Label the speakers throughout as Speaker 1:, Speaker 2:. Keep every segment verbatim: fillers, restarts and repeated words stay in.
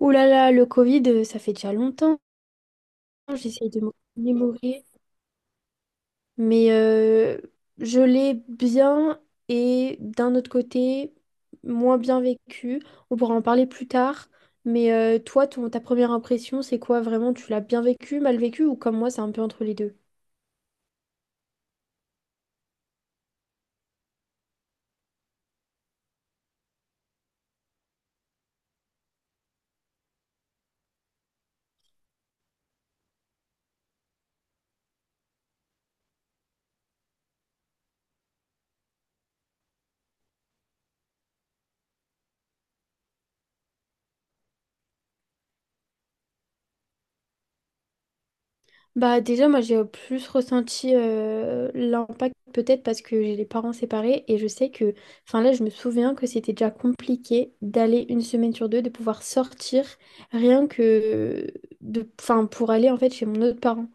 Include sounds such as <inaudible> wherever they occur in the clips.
Speaker 1: Ouh là là, le Covid, euh, ça fait déjà longtemps. J'essaye de me remémorer. Mais euh, je l'ai bien et d'un autre côté, moins bien vécu. On pourra en parler plus tard. Mais euh, toi, ton- ta première impression, c'est quoi vraiment? Tu l'as bien vécu, mal vécu ou comme moi, c'est un peu entre les deux? Bah déjà moi j'ai plus ressenti euh, l'impact peut-être parce que j'ai les parents séparés et je sais que enfin là je me souviens que c'était déjà compliqué d'aller une semaine sur deux de pouvoir sortir rien que de enfin pour aller en fait chez mon autre parent.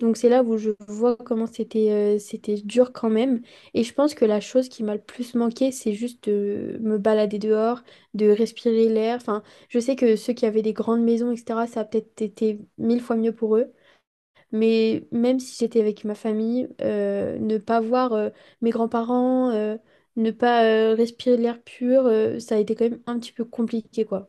Speaker 1: Donc c'est là où je vois comment c'était euh, c'était dur quand même et je pense que la chose qui m'a le plus manqué c'est juste de me balader dehors, de respirer l'air. Enfin je sais que ceux qui avaient des grandes maisons etc ça a peut-être été mille fois mieux pour eux. Mais même si j'étais avec ma famille, euh, ne pas voir euh, mes grands-parents, euh, ne pas euh, respirer l'air pur, euh, ça a été quand même un petit peu compliqué, quoi.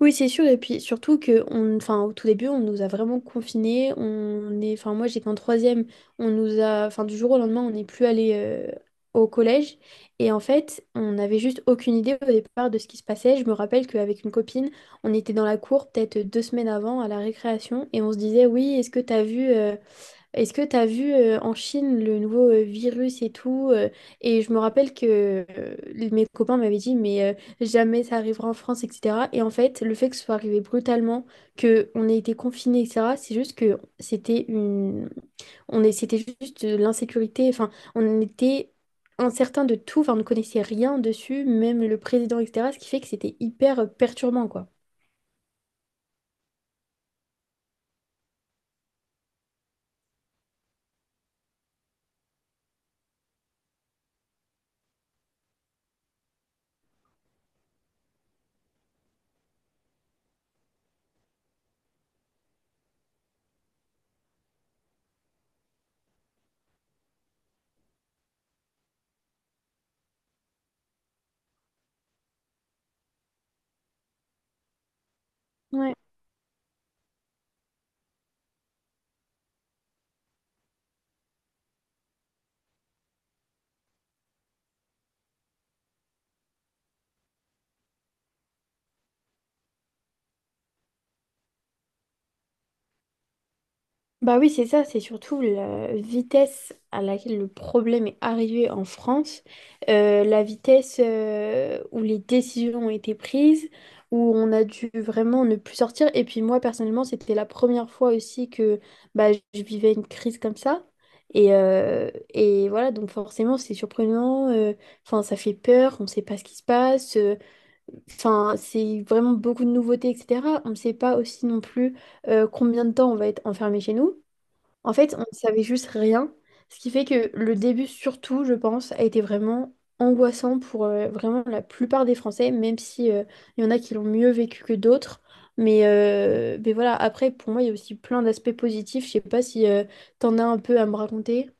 Speaker 1: Oui, c'est sûr. Et puis surtout que, on, enfin, au tout début, on nous a vraiment confinés. On est, enfin, moi, j'étais en troisième. On nous a, enfin, du jour au lendemain, on n'est plus allé euh, au collège. Et en fait, on n'avait juste aucune idée au départ de ce qui se passait. Je me rappelle qu'avec une copine, on était dans la cour peut-être deux semaines avant à la récréation et on se disait, oui, est-ce que t'as vu? euh, Est-ce que tu as vu euh, en Chine le nouveau euh, virus et tout euh, et je me rappelle que euh, mes copains m'avaient dit mais euh, jamais ça arrivera en France et cetera. Et en fait le fait que ce soit arrivé brutalement, que on ait été confinés et cetera. C'est juste que c'était une on est c'était juste de l'insécurité. Enfin on était incertain de tout. Enfin on ne connaissait rien dessus, même le président et cetera. Ce qui fait que c'était hyper perturbant quoi. Ouais. Bah oui, c'est ça, c'est surtout la vitesse à laquelle le problème est arrivé en France, euh, la vitesse euh, où les décisions ont été prises, où on a dû vraiment ne plus sortir. Et puis moi, personnellement, c'était la première fois aussi que bah, je vivais une crise comme ça. Et, euh, et voilà, donc forcément, c'est surprenant, euh, enfin, ça fait peur, on ne sait pas ce qui se passe, euh, enfin, c'est vraiment beaucoup de nouveautés, et cetera. On ne sait pas aussi non plus euh, combien de temps on va être enfermé chez nous. En fait, on ne savait juste rien, ce qui fait que le début, surtout, je pense, a été vraiment angoissant pour euh, vraiment la plupart des Français, même si euh, il y en a qui l'ont mieux vécu que d'autres. Mais, euh, mais voilà, après, pour moi, il y a aussi plein d'aspects positifs. Je sais pas si tu t'en as un peu à me raconter.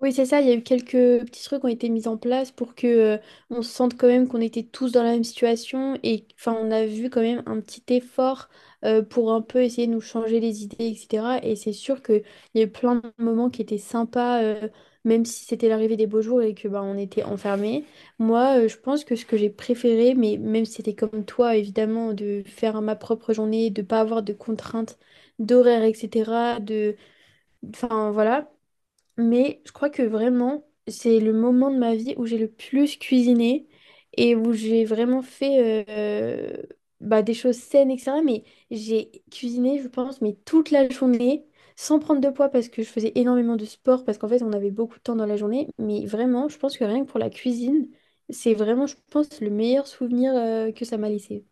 Speaker 1: Oui, c'est ça, il y a eu quelques petits trucs qui ont été mis en place pour que euh, on se sente quand même qu'on était tous dans la même situation et enfin on a vu quand même un petit effort euh, pour un peu essayer de nous changer les idées, et cetera. Et c'est sûr qu'il y a eu plein de moments qui étaient sympas, euh, même si c'était l'arrivée des beaux jours et que bah, on était enfermés. Moi, euh, je pense que ce que j'ai préféré, mais même si c'était comme toi, évidemment, de faire ma propre journée, de pas avoir de contraintes d'horaire, et cetera. De... Enfin voilà. Mais je crois que vraiment, c'est le moment de ma vie où j'ai le plus cuisiné et où j'ai vraiment fait euh, bah, des choses saines, et cetera. Mais j'ai cuisiné, je pense, mais toute la journée, sans prendre de poids parce que je faisais énormément de sport, parce qu'en fait, on avait beaucoup de temps dans la journée. Mais vraiment, je pense que rien que pour la cuisine, c'est vraiment, je pense, le meilleur souvenir euh, que ça m'a laissé.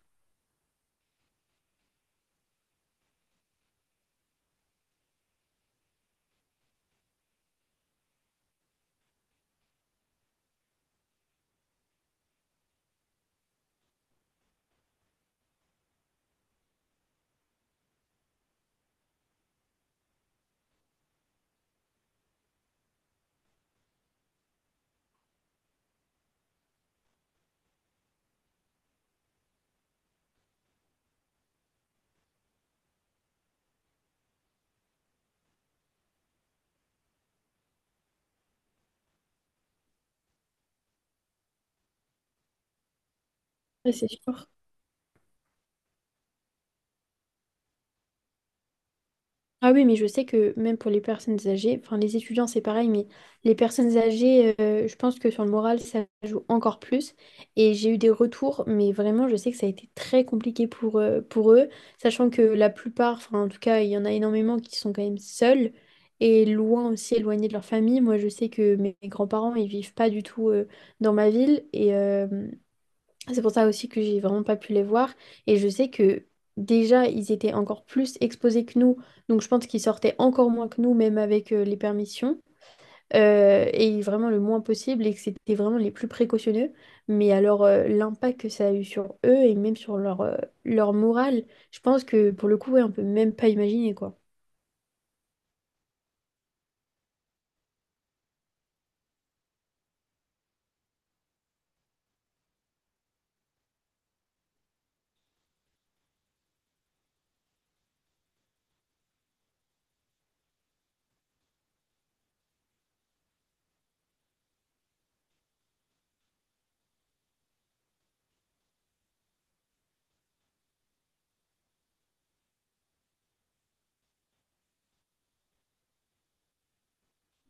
Speaker 1: Ouais, c'est sûr. Ah oui, mais je sais que même pour les personnes âgées, enfin les étudiants c'est pareil, mais les personnes âgées, euh, je pense que sur le moral, ça joue encore plus. Et j'ai eu des retours, mais vraiment, je sais que ça a été très compliqué pour, euh, pour eux, sachant que la plupart, enfin en tout cas, il y en a énormément qui sont quand même seuls et loin aussi, éloignés de leur famille. Moi, je sais que mes mes grands-parents, ils vivent pas du tout euh, dans ma ville et, euh, c'est pour ça aussi que j'ai vraiment pas pu les voir. Et je sais que déjà, ils étaient encore plus exposés que nous. Donc je pense qu'ils sortaient encore moins que nous, même avec euh, les permissions. Euh, et vraiment le moins possible et que c'était vraiment les plus précautionneux. Mais alors euh, l'impact que ça a eu sur eux et même sur leur, euh, leur morale, je pense que pour le coup, ouais, on peut même pas imaginer quoi.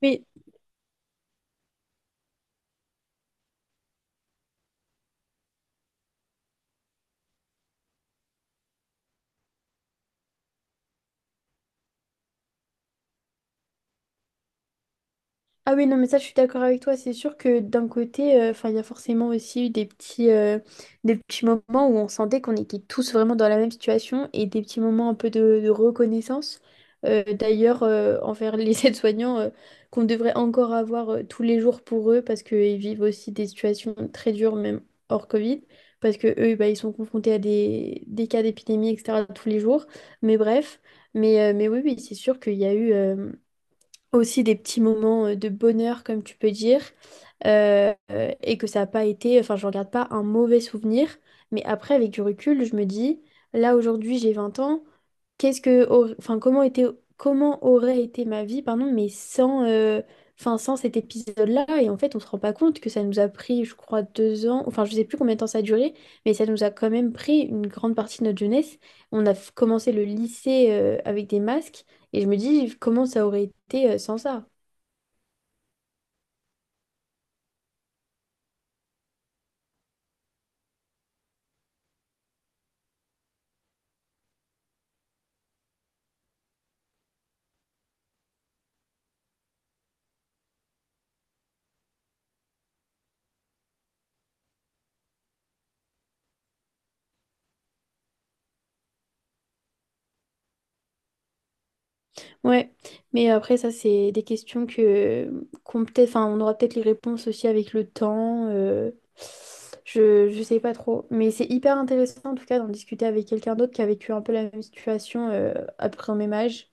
Speaker 1: Oui, ah oui, non, mais ça, je suis d'accord avec toi. C'est sûr que d'un côté, euh, enfin, il y a forcément aussi eu des petits, euh, des petits moments où on sentait qu'on était tous vraiment dans la même situation et des petits moments un peu de, de reconnaissance. Euh, d'ailleurs, euh, envers les <laughs> aides-soignants, euh, qu'on devrait encore avoir euh, tous les jours pour eux parce qu'ils vivent aussi des situations très dures, même hors Covid, parce que eux, bah, ils sont confrontés à des, des cas d'épidémie, et cetera, tous les jours. Mais bref, mais, euh, mais oui, oui, c'est sûr qu'il y a eu. Euh, aussi des petits moments euh, de bonheur, comme tu peux dire, euh, euh, et que ça n'a pas été, enfin, je ne regarde pas un mauvais souvenir. Mais après, avec du recul, je me dis, là, aujourd'hui, j'ai vingt ans, qu'est-ce que au- enfin comment était comment aurait été ma vie pardon mais sans euh, enfin sans cet épisode-là et en fait on se rend pas compte que ça nous a pris je crois deux ans enfin je sais plus combien de temps ça a duré mais ça nous a quand même pris une grande partie de notre jeunesse on a f- commencé le lycée euh, avec des masques et je me dis comment ça aurait été euh, sans ça. Ouais, mais après ça c'est des questions que qu'on peut-être, enfin on aura peut-être les réponses aussi avec le temps. euh, je je sais pas trop, mais c'est hyper intéressant en tout cas d'en discuter avec quelqu'un d'autre qui a vécu un peu la même situation euh, à peu près au même âge.